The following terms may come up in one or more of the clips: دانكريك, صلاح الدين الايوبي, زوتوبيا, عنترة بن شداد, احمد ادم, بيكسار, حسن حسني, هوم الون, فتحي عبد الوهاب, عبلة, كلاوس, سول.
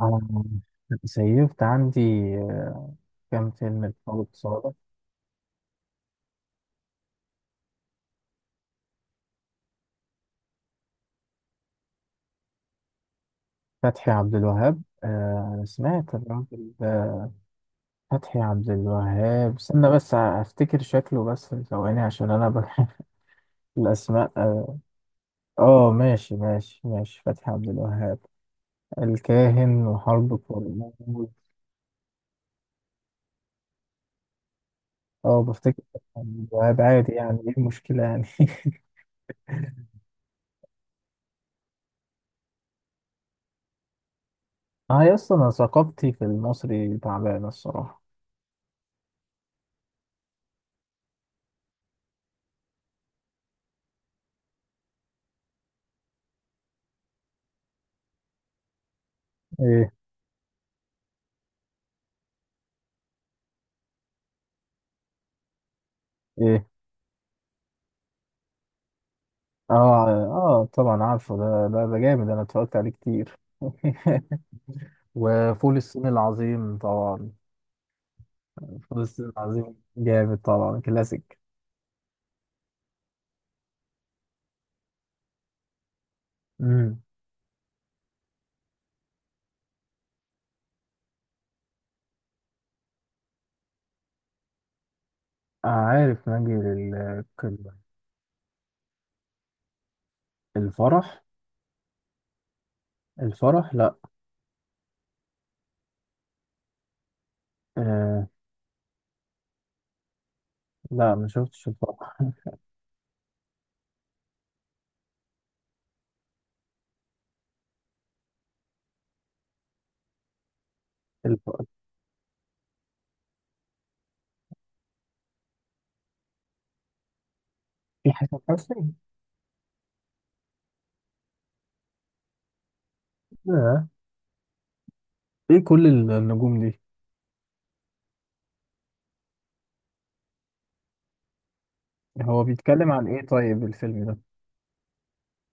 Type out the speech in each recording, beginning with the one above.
آه، سيفت عندي. آه، كام فيلم لخالد صالح. فتحي عبد الوهاب، آه، أنا سمعت الراجل ده. فتحي عبد الوهاب، استنى بس أفتكر شكله، بس ثواني، عشان أنا بحب الأسماء. آه، آه، ماشي ماشي ماشي، فتحي عبد الوهاب، الكاهن وحرب كرموز. اه، بفتكر فتحي عبد الوهاب عادي، يعني ايه المشكلة يعني؟ اه يا اسطى، انا ثقافتي في المصري تعبانة الصراحة. ايه؟ إيه؟ اه اه طبعا عارفه، ده ده ده جامد، انا اتفرجت عليه كتير. وفول الصين العظيم طبعا. فول الصين العظيم جامد طبعا، كلاسيك. امم. عارف، نجي للقمة. الفرح؟ الفرح، لا. آه. لا، ما شفتش الفرح. الفرح. في حسن حسني. لا. ايه كل النجوم دي؟ هو بيتكلم عن ايه طيب الفيلم ده؟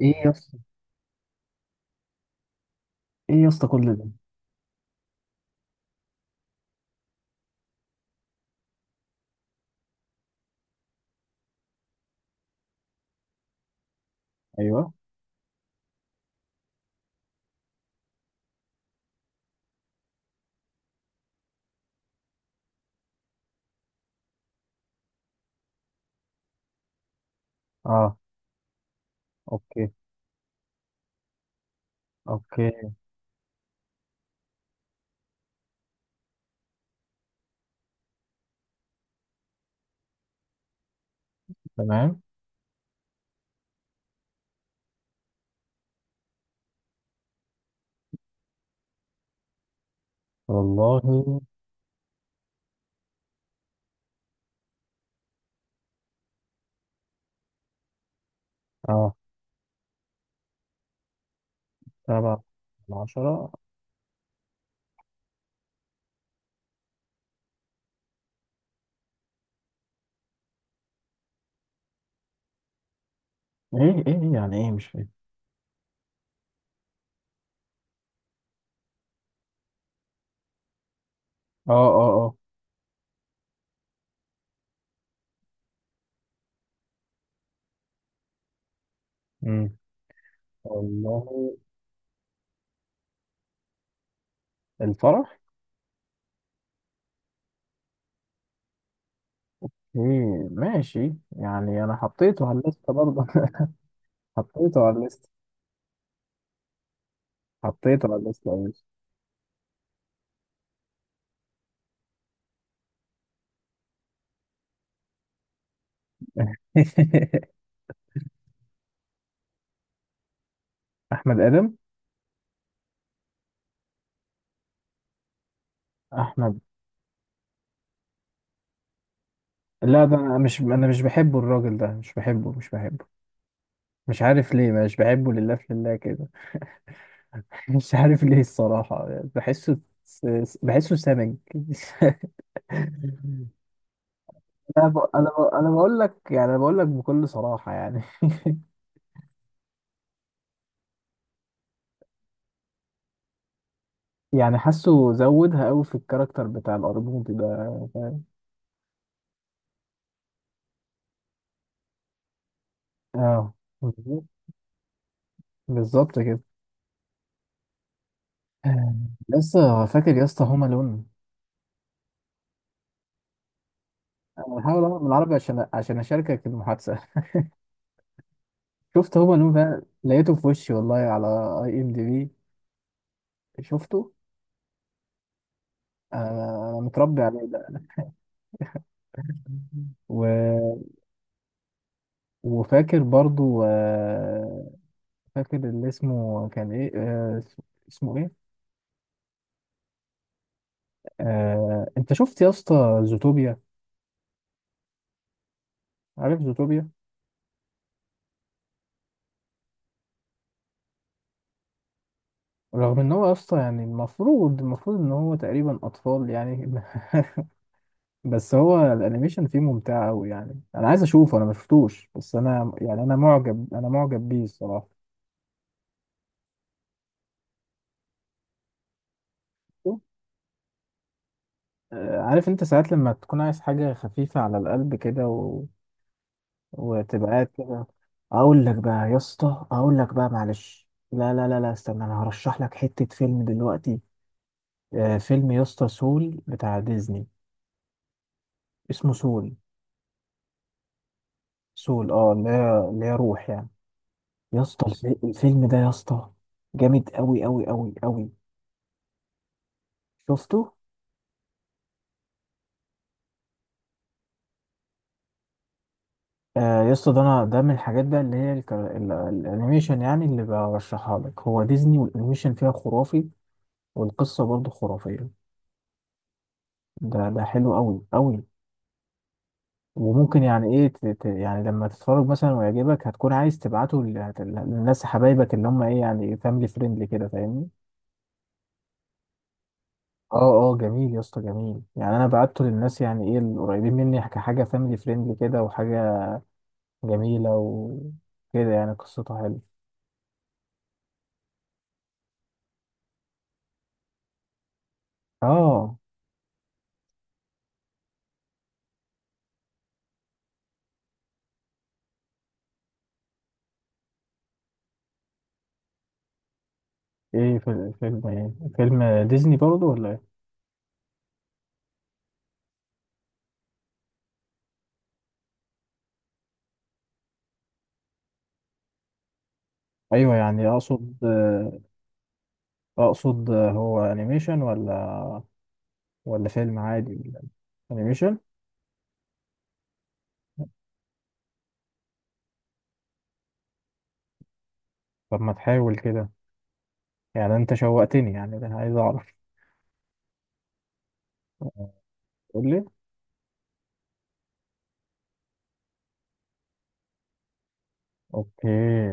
ايه يا اسطى؟ ايه يا اسطى كل ده؟ ايوه. اه. اوكي. اوكي. تمام. والله. اه. سبعة؟ العشرة؟ ايه؟ ايه ايه يعني؟ ايه مش فاهم. اه اه اه. امم. والله. الفرح. ايه؟ ماشي يعني، انا حطيته على الليسته برضه. حطيته على الليسته. حطيته على الليسته يا باشا. احمد ادم. احمد. لا، ده انا مش، انا مش بحبه الراجل ده، مش بحبه، مش بحبه. مش عارف ليه مش بحبه، لله في لله كده. مش عارف ليه الصراحه. بحسه، بحسه سمج. انا بقول لك يعني، انا بقول لك بكل صراحه يعني. يعني حاسه زودها قوي في الكاركتر بتاع الارجوبي ده، فاهم. اه. بالظبط. بالظبط كده. آه، لسه فاكر يا اسطى هوم الون؟ انا بحاول اهرب من العربي عشان، عشان اشاركك المحادثه. شفت هوم الون بقى لقيته في وشي والله، على اي ام دي بي. شفته. انا، أنا متربي عليه ده. و... وفاكر برضو، آه، فاكر اللي اسمه كان ايه، آه، اسمه إيه؟ آه، انت شفت يا اسطى زوتوبيا؟ عارف زوتوبيا؟ رغم ان هو يا اسطى يعني المفروض، المفروض ان هو تقريبا اطفال يعني، بس هو الانيميشن فيه ممتع قوي يعني. انا عايز اشوفه، انا ما شفتوش بس، انا يعني انا معجب، انا معجب بيه الصراحه. آه، عارف انت ساعات لما تكون عايز حاجه خفيفه على القلب كده، و... وتبقى قاعد كده. اقول لك بقى يا اسطى، اقول لك بقى معلش، لا استنى، انا هرشح لك حته فيلم دلوقتي. آه، فيلم يا اسطى، سول، بتاع ديزني. اسمه سول. سول، اه، اللي هي اللي هي روح يعني. يا اسطى الفيلم ده يا اسطى جامد قوي قوي قوي قوي. شفته. آه يا اسطى، ده انا ده من الحاجات بقى اللي هي الانيميشن، يعني اللي برشحها لك هو ديزني، والانيميشن فيها خرافي، والقصة برضه خرافية. ده ده حلو قوي قوي. وممكن يعني ايه يعني لما تتفرج مثلا ويعجبك هتكون عايز تبعته للناس حبايبك اللي هم ايه يعني، فاميلي فريندلي كده، فاهمني. اه اه جميل يا اسطى، جميل يعني. انا بعته للناس يعني ايه القريبين مني كحاجه فاميلي فريندلي كده، وحاجه جميله وكده يعني، قصتها حلوه. اه. ايه؟ في فيلم ايه؟ فيلم ديزني برضه ولا ايه؟ ايوه يعني، اقصد آه، اقصد آه، هو انيميشن ولا، ولا فيلم عادي ولا؟ انيميشن. طب ما تحاول كده، يعني انت شوقتني يعني، انا عايز اعرف، قول لي. اوكي.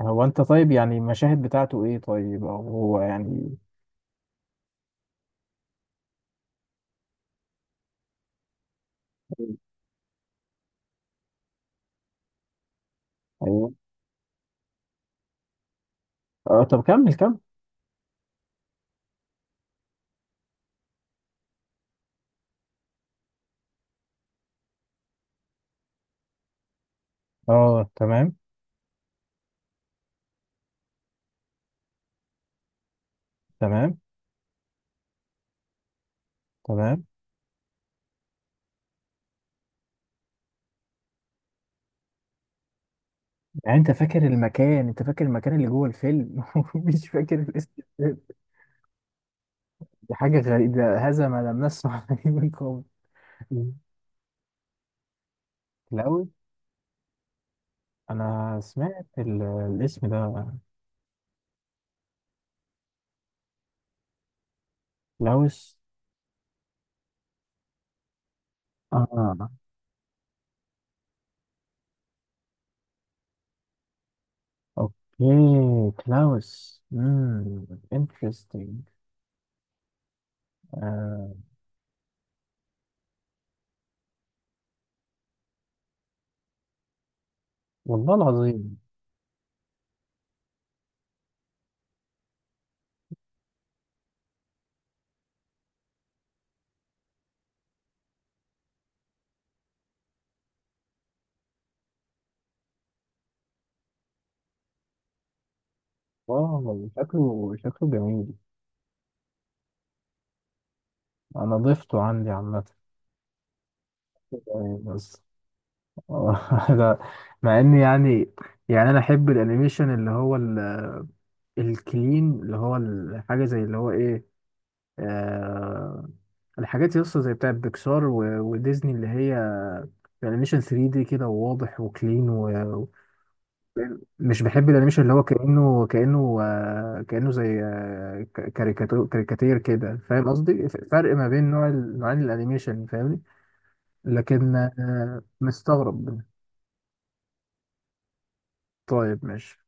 هو انت طيب يعني المشاهد بتاعته ايه طيب، او هو يعني؟ ايوه. اه طب كمل كمل. اه تمام تمام تمام. يعني انت فاكر المكان، انت فاكر المكان اللي جوه الفيلم ومش فاكر الاسم الفيلم. دي حاجة غريبة، هذا ما لم نسمع به من قبل. مم. كلاوس. انا سمعت الاسم ده. كلاوس. اه. اوكي كلاوس. امم. انترستنج. آه. والله العظيم. واو شكله، شكله جميل. انا ضفته عندي عامه. آه، بس ده، مع ان يعني، يعني انا احب الانيميشن اللي هو ال-، الكلين، اللي هو الحاجه زي اللي هو ايه، آه، الحاجات يسطا زي بتاع بيكسار وديزني اللي هي الانيميشن 3 دي كده، وواضح وكلين، ومش بحب الانيميشن اللي هو كانه كانه آه كانه زي آه كاريكاتير كده، فاهم قصدي، فرق ما بين نوع نوعين الانيميشن، فاهمني. لكن آه مستغرب. طيب ماشي.